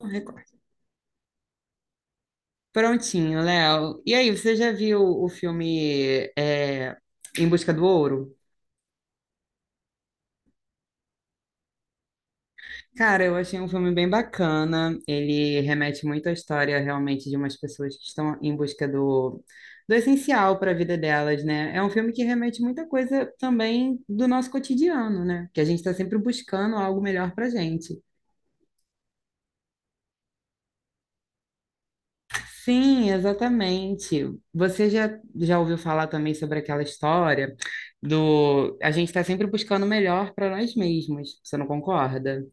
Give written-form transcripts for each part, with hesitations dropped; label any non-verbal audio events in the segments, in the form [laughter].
Record. Prontinho, Léo. E aí, você já viu o filme Em Busca do Ouro? Cara, eu achei um filme bem bacana. Ele remete muito à história realmente de umas pessoas que estão em busca do essencial para a vida delas, né? É um filme que remete muita coisa também do nosso cotidiano, né? Que a gente está sempre buscando algo melhor para gente. Sim, exatamente. Você já, Já ouviu falar também sobre aquela história do a gente está sempre buscando o melhor para nós mesmos, você não concorda?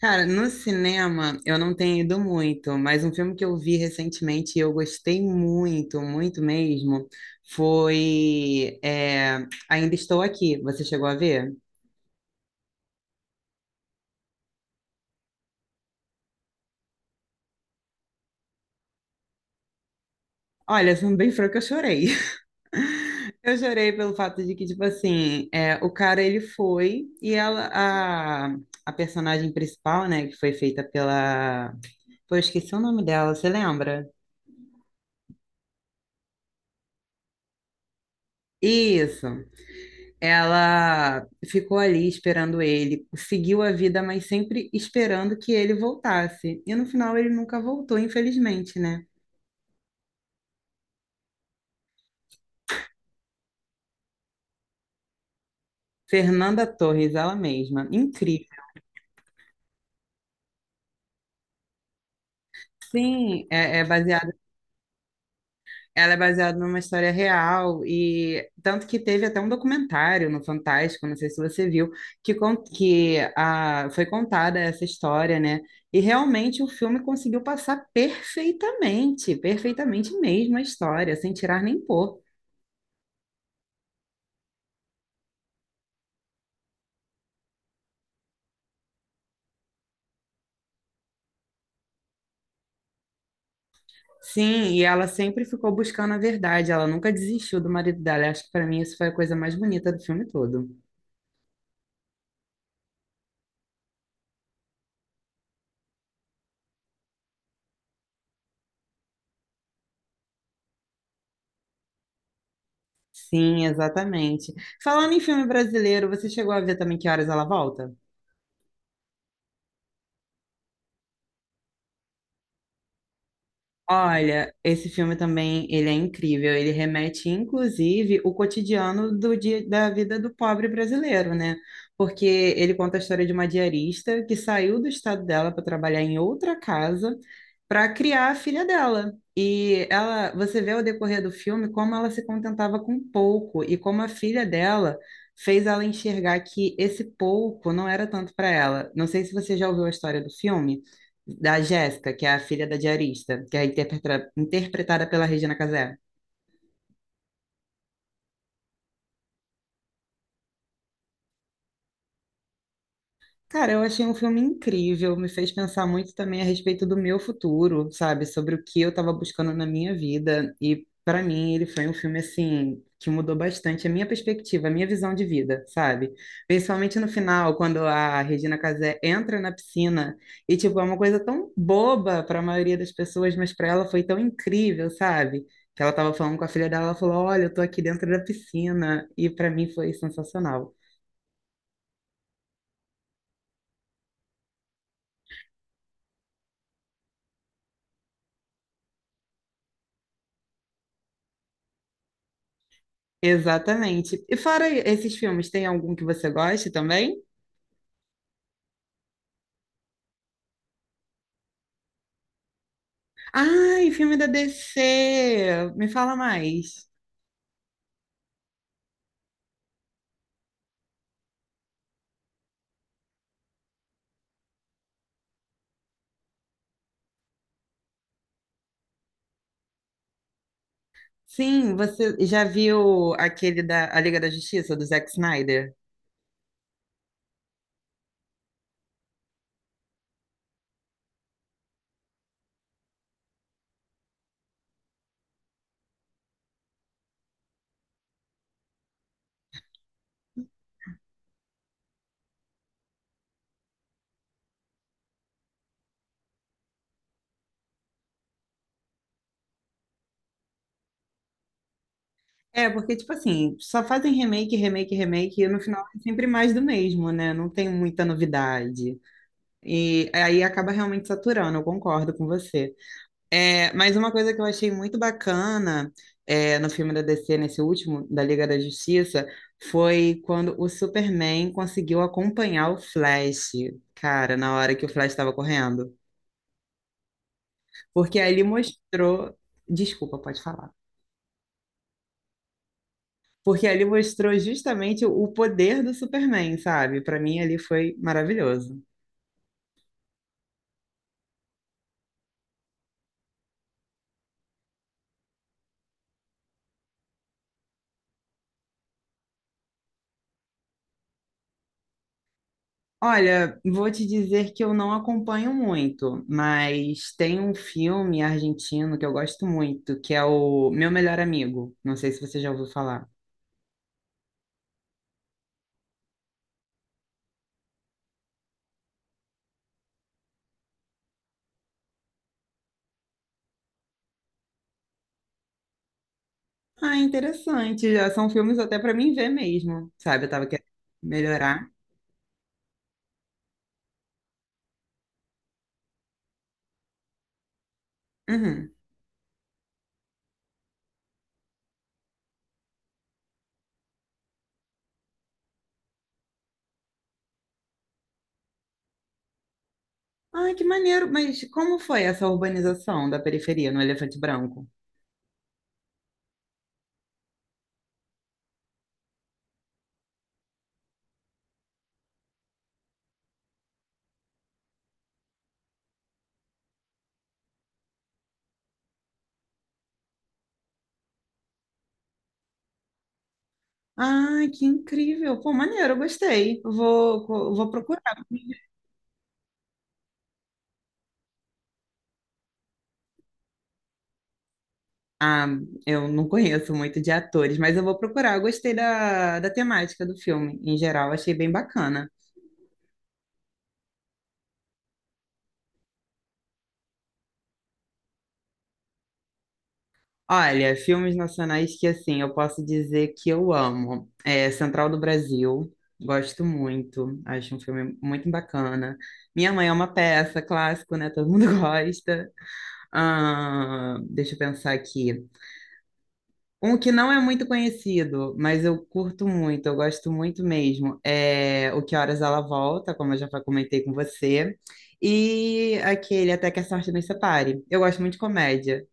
Cara, no cinema eu não tenho ido muito, mas um filme que eu vi recentemente e eu gostei muito, muito mesmo, foi Ainda Estou Aqui. Você chegou a ver? Olha, sendo bem franca, eu chorei. Eu chorei pelo fato de que, tipo assim, é, o cara ele foi e ela, a personagem principal, né, que foi feita pela. Pô, eu esqueci o nome dela, você lembra? Isso. Ela ficou ali esperando ele, seguiu a vida, mas sempre esperando que ele voltasse. E no final ele nunca voltou, infelizmente, né? Fernanda Torres, ela mesma. Incrível. Sim, é, é baseado. Ela é baseada numa história real e tanto que teve até um documentário no Fantástico, não sei se você viu, que, foi contada essa história, né? E realmente o filme conseguiu passar perfeitamente, perfeitamente mesmo a história, sem tirar nem pôr. Sim, e ela sempre ficou buscando a verdade, ela nunca desistiu do marido dela. Eu acho que para mim isso foi a coisa mais bonita do filme todo. Sim, exatamente. Falando em filme brasileiro, você chegou a ver também Que Horas Ela Volta? Olha, esse filme também, ele é incrível. Ele remete, inclusive, o cotidiano do dia, da vida do pobre brasileiro, né? Porque ele conta a história de uma diarista que saiu do estado dela para trabalhar em outra casa para criar a filha dela. E ela, você vê ao decorrer do filme como ela se contentava com pouco e como a filha dela fez ela enxergar que esse pouco não era tanto para ela. Não sei se você já ouviu a história do filme da Jéssica, que é a filha da diarista, que é interpretada pela Regina Casé. Cara, eu achei um filme incrível, me fez pensar muito também a respeito do meu futuro, sabe? Sobre o que eu estava buscando na minha vida. E para mim, ele foi um filme assim que mudou bastante a minha perspectiva, a minha visão de vida, sabe? Principalmente no final, quando a Regina Casé entra na piscina e tipo, é uma coisa tão boba para a maioria das pessoas, mas para ela foi tão incrível, sabe? Que ela estava falando com a filha dela, ela falou: "Olha, eu tô aqui dentro da piscina". E para mim foi sensacional. Exatamente. E fora esses filmes, tem algum que você goste também? Ai, filme da DC! Me fala mais. Sim, você já viu aquele da A Liga da Justiça, do Zack Snyder? É, porque, tipo assim, só fazem remake, remake, remake, e no final é sempre mais do mesmo, né? Não tem muita novidade. E aí acaba realmente saturando, eu concordo com você. É, mas uma coisa que eu achei muito bacana no filme da DC, nesse último, da Liga da Justiça, foi quando o Superman conseguiu acompanhar o Flash, cara, na hora que o Flash estava correndo. Porque ali mostrou. Desculpa, pode falar. Porque ali mostrou justamente o poder do Superman, sabe? Para mim, ali foi maravilhoso. Olha, vou te dizer que eu não acompanho muito, mas tem um filme argentino que eu gosto muito, que é o Meu Melhor Amigo. Não sei se você já ouviu falar. Ah, interessante. Já são filmes até pra mim ver mesmo, sabe? Eu tava querendo melhorar. Uhum. Ah, que maneiro. Mas como foi essa urbanização da periferia no Elefante Branco? Ah, que incrível. Pô, maneiro, eu gostei. Vou, ah, eu não conheço muito de atores, mas eu vou procurar. Eu gostei da temática do filme, em geral, achei bem bacana. Olha, filmes nacionais que, assim, eu posso dizer que eu amo. É Central do Brasil, gosto muito, acho um filme muito bacana. Minha Mãe é uma Peça, clássico, né? Todo mundo [laughs] gosta. Ah, deixa eu pensar aqui. Um que não é muito conhecido, mas eu curto muito, eu gosto muito mesmo, é O Que Horas Ela Volta, como eu já comentei com você, e aquele Até que a Sorte Nos Separe. Eu gosto muito de comédia.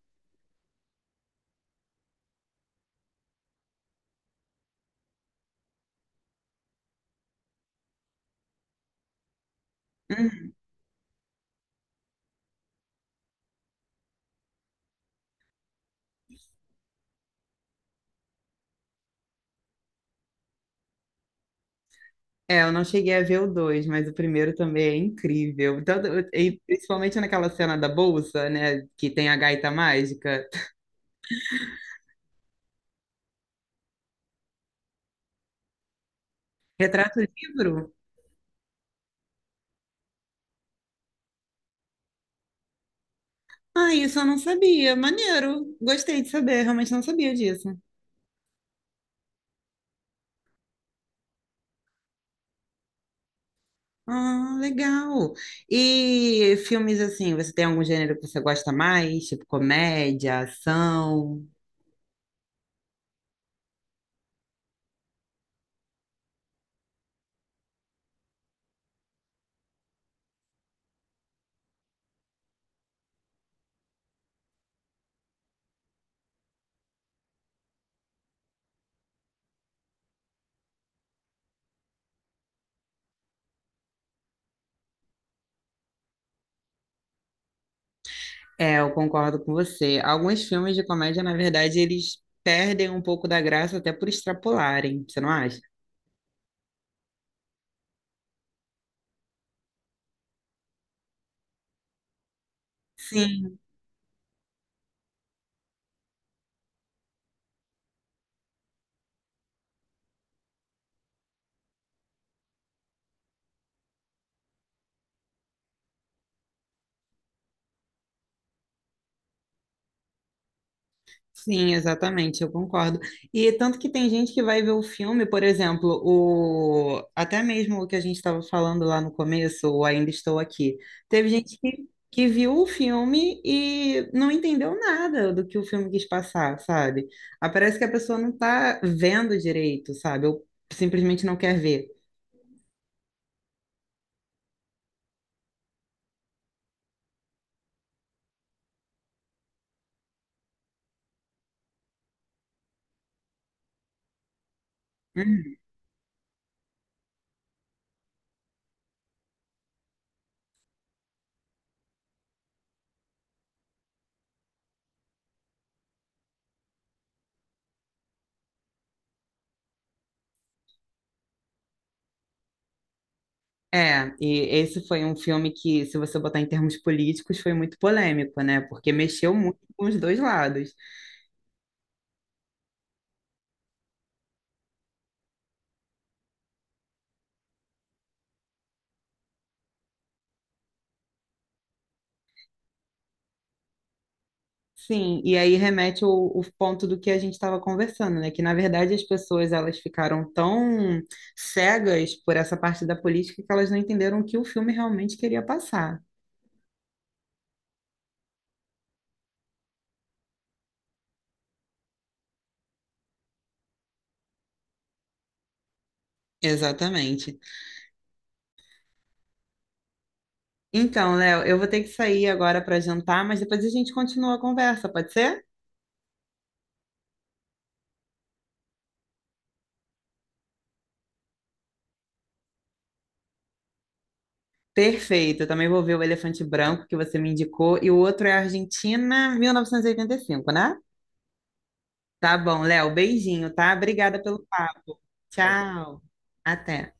Hum. É, eu não cheguei a ver o dois, mas o primeiro também é incrível. Tanto, e principalmente naquela cena da bolsa, né, que tem a gaita mágica. Retrato livro? Ah, isso eu não sabia. Maneiro. Gostei de saber, realmente não sabia disso. Ah, legal. E filmes assim, você tem algum gênero que você gosta mais? Tipo comédia, ação? É, eu concordo com você. Alguns filmes de comédia, na verdade, eles perdem um pouco da graça até por extrapolarem, você não acha? Sim. Sim, exatamente, eu concordo. E tanto que tem gente que vai ver o filme, por exemplo, o até mesmo o que a gente estava falando lá no começo, o Ainda Estou Aqui. Teve gente que viu o filme e não entendeu nada do que o filme quis passar, sabe? Ah, parece que a pessoa não está vendo direito, sabe? Ou simplesmente não quer ver. Uhum. É, e esse foi um filme que, se você botar em termos políticos, foi muito polêmico, né? Porque mexeu muito com os dois lados. Sim, e aí remete o ponto do que a gente estava conversando, né? Que, na verdade, as pessoas elas ficaram tão cegas por essa parte da política que elas não entenderam o que o filme realmente queria passar. Exatamente. Então, Léo, eu vou ter que sair agora para jantar, mas depois a gente continua a conversa, pode ser? Perfeito, eu também vou ver o Elefante Branco que você me indicou e o outro é Argentina 1985, né? Tá bom, Léo, beijinho, tá? Obrigada pelo papo. Tchau. Até.